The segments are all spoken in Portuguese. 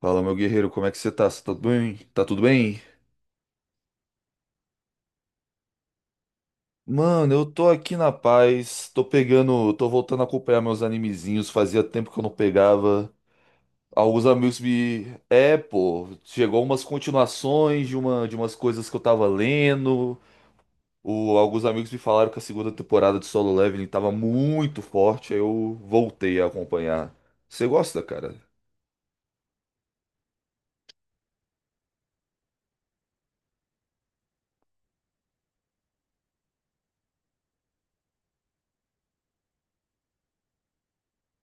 Fala, meu guerreiro, como é que você tá? Você tá tudo bem? Tá tudo bem? Mano, eu tô aqui na paz, tô voltando a acompanhar meus animezinhos, fazia tempo que eu não pegava. Alguns amigos me. É, pô, chegou umas continuações de umas coisas que eu tava lendo. Alguns amigos me falaram que a segunda temporada de Solo Leveling tava muito forte, aí eu voltei a acompanhar. Você gosta, cara?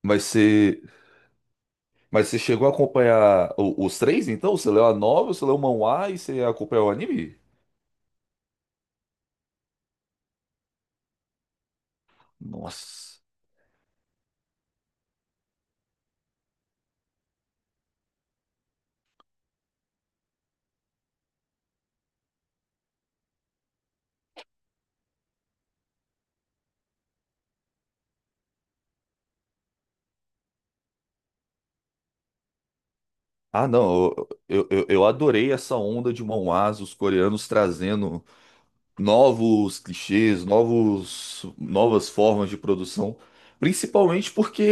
Mas você. Mas você chegou a acompanhar os três, então? Você leu a novela, você leu o manhwa e você acompanhou o anime? Nossa. Ah, não, eu adorei essa onda de manhwas, os coreanos trazendo novos clichês, novos, novas formas de produção. Principalmente porque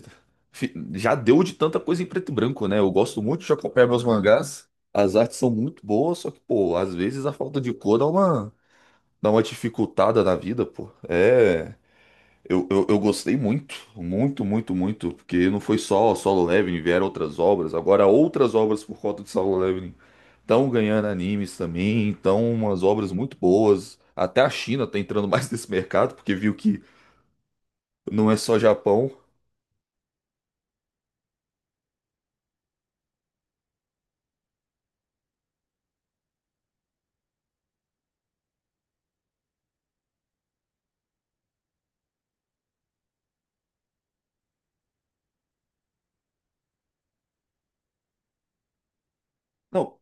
já deu de tanta coisa em preto e branco, né? Eu gosto muito de acompanhar meus mangás. As artes são muito boas, só que, pô, às vezes a falta de cor dá uma dificultada na vida, pô. É. Eu gostei muito, muito, muito, muito, porque não foi só Solo Leveling, vieram outras obras, agora outras obras por conta de Solo Leveling estão ganhando animes também, então umas obras muito boas. Até a China tá entrando mais nesse mercado, porque viu que não é só Japão. Não,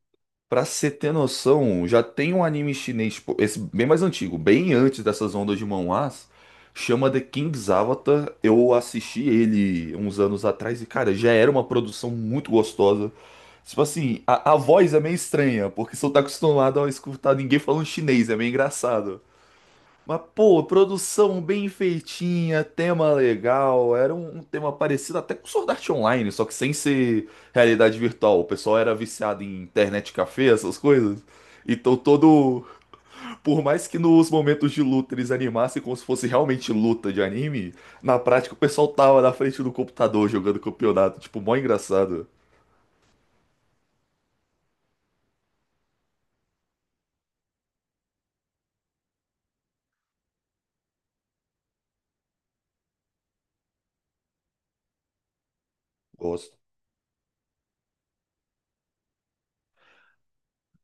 pra você ter noção, já tem um anime chinês, tipo, esse bem mais antigo, bem antes dessas ondas de manhwas, chama The King's Avatar. Eu assisti ele uns anos atrás e, cara, já era uma produção muito gostosa. Tipo assim, a voz é meio estranha, porque você não tá acostumado a escutar ninguém falando chinês, é meio engraçado. Mas, pô, produção bem feitinha, tema legal, era um tema parecido até com Sword Art Online, só que sem ser realidade virtual. O pessoal era viciado em internet café, essas coisas. Então todo. Por mais que nos momentos de luta eles animassem como se fosse realmente luta de anime, na prática o pessoal tava na frente do computador jogando campeonato, tipo, mó engraçado. Gosto.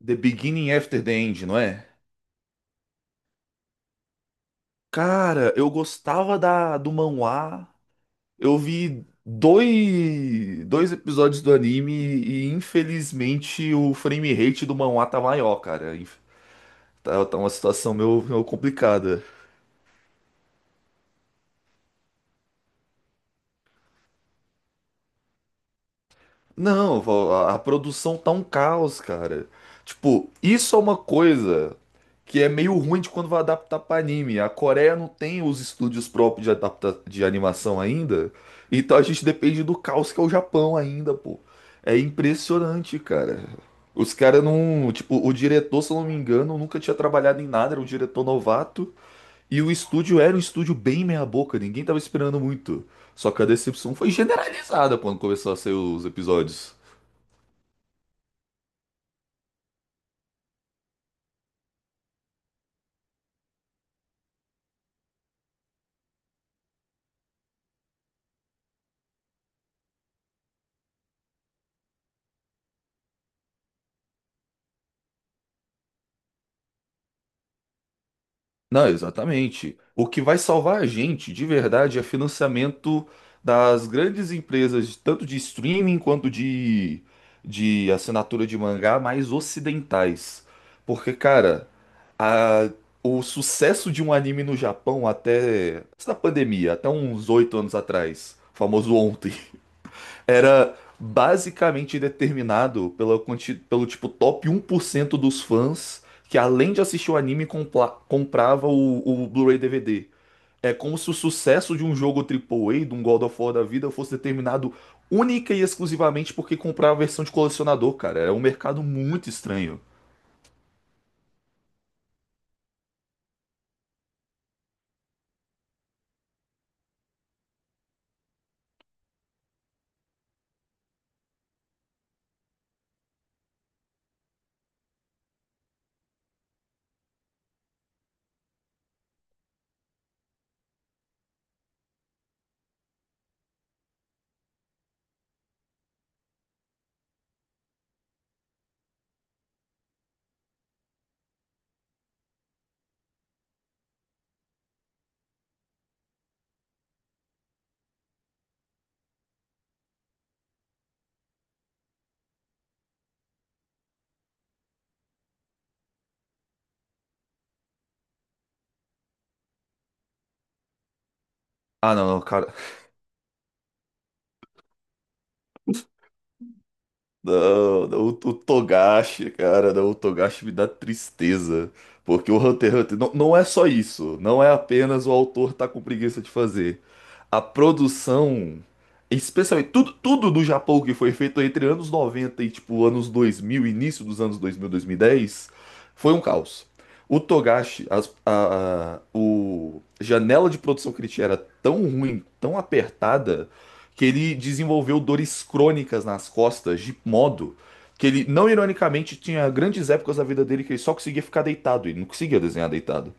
The Beginning After the End, não é? Cara, eu gostava do manhwa. Eu vi dois episódios do anime e infelizmente o frame rate do manhwa tá maior, cara. Tá, tá uma situação meio complicada. Não, vô, a produção tá um caos, cara. Tipo, isso é uma coisa que é meio ruim de quando vai adaptar pra anime. A Coreia não tem os estúdios próprios de adapta de animação ainda, então a gente depende do caos que é o Japão ainda, pô. É impressionante, cara. Os caras não, tipo, o diretor, se eu não me engano, nunca tinha trabalhado em nada, era um diretor novato. E o estúdio era um estúdio bem meia-boca, ninguém tava esperando muito. Só que a decepção foi generalizada quando começou a sair os episódios. Não, exatamente. O que vai salvar a gente, de verdade, é financiamento das grandes empresas, tanto de streaming quanto de assinatura de mangá, mais ocidentais. Porque, cara, a- o sucesso de um anime no Japão até antes da pandemia, até uns 8 anos atrás, famoso ontem. Era basicamente determinado pela quanti- pelo tipo top 1% dos fãs que além de assistir o anime compla- comprava o Blu-ray DVD. É como se o sucesso de um jogo AAA, de um God of War da vida, fosse determinado única e exclusivamente porque comprava a versão de colecionador, cara. É um mercado muito estranho. Ah, não, não, cara. Não, não, o Togashi, cara, não, o Togashi me dá tristeza. Porque o Hunter x Hunter não, não é só isso. Não é apenas o autor tá com preguiça de fazer. A produção, especialmente tudo, tudo do Japão que foi feito entre anos 90 e tipo anos 2000 início dos anos 2000, dez foi um caos. O Togashi, a janela de produção que ele tinha era tão ruim, tão apertada que ele desenvolveu dores crônicas nas costas, de modo que ele, não ironicamente, tinha grandes épocas da vida dele que ele só conseguia ficar deitado, ele não conseguia desenhar deitado.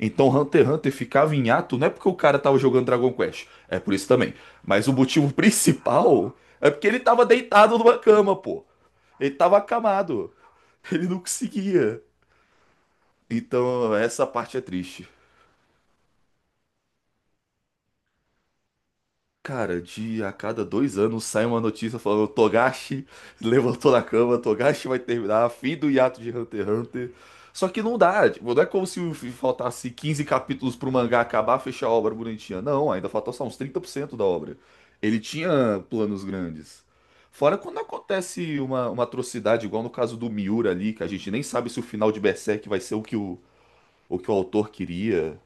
Então Hunter x Hunter ficava em ato, não é porque o cara tava jogando Dragon Quest, é por isso também. Mas o motivo principal é porque ele tava deitado numa cama, pô. Ele tava acamado. Ele não conseguia. Então essa parte é triste. Cara, de a cada 2 anos sai uma notícia falando Togashi levantou da cama, Togashi vai terminar, fim do hiato de Hunter x Hunter. Só que não dá, tipo, não é como se faltasse 15 capítulos pro mangá acabar, fechar a obra bonitinha. Não, ainda faltou só uns 30% da obra. Ele tinha planos grandes. Fora quando acontece uma atrocidade, igual no caso do Miura ali, que a gente nem sabe se o final de Berserk vai ser o que o que o autor queria.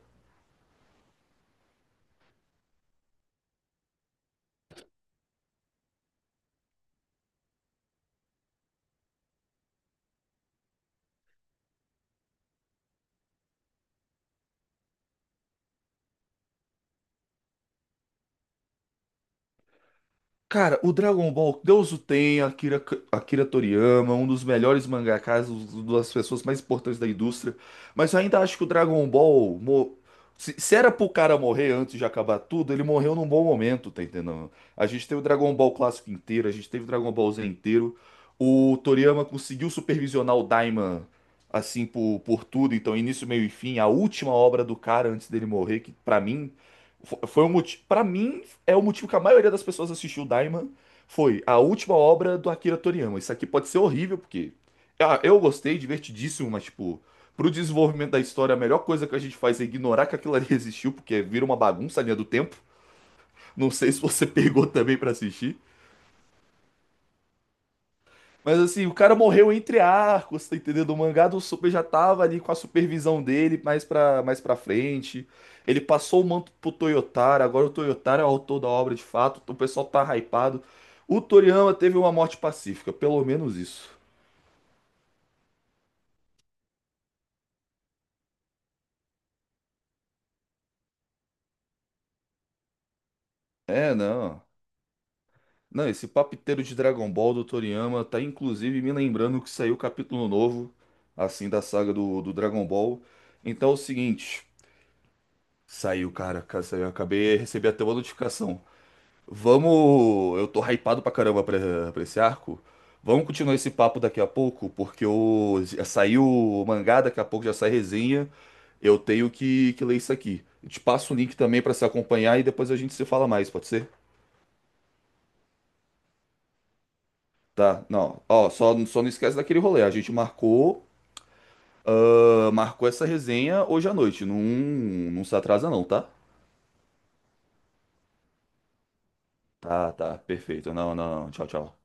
Cara, o Dragon Ball, Deus o tenha, Akira Toriyama, um dos melhores mangakas, uma das pessoas mais importantes da indústria. Mas eu ainda acho que o Dragon Ball. Se, se era pro cara morrer antes de acabar tudo, ele morreu num bom momento, tá entendendo? A gente teve o Dragon Ball clássico inteiro, a gente teve o Dragon Ball Z inteiro. O Toriyama conseguiu supervisionar o Daima, assim, por tudo. Então, início, meio e fim, a última obra do cara antes dele morrer, que pra mim. Foi um motivo. Pra mim é o motivo que a maioria das pessoas assistiu Daima foi a última obra do Akira Toriyama. Isso aqui pode ser horrível, porque ah, eu gostei, divertidíssimo, mas tipo, pro desenvolvimento da história, a melhor coisa que a gente faz é ignorar que aquilo ali existiu, porque vira uma bagunça a linha do tempo. Não sei se você pegou também pra assistir. Mas assim, o cara morreu entre arcos, tá entendendo? O mangá do Super já tava ali com a supervisão dele mais pra frente. Ele passou o manto pro Toyotara, agora o Toyotara é o autor da obra de fato, o pessoal tá hypado. O Toriyama teve uma morte pacífica, pelo menos isso. É, não. Não, esse papiteiro de Dragon Ball do Toriyama tá inclusive me lembrando que saiu o capítulo novo, assim, da saga do Dragon Ball. Então é o seguinte, saiu, cara, saiu, acabei, recebi até uma notificação. Vamos. Eu tô hypado pra caramba pra esse arco. Vamos continuar esse papo daqui a pouco, porque o... Já saiu o mangá, daqui a pouco já sai resenha. Eu tenho que ler isso aqui. Eu te passo o link também pra se acompanhar e depois a gente se fala mais, pode ser? Tá, não. Ó, só não esquece daquele rolê. A gente marcou essa resenha hoje à noite. Não, não se atrasa, não, tá? Tá, tá, perfeito. Não, não, não. Tchau, tchau.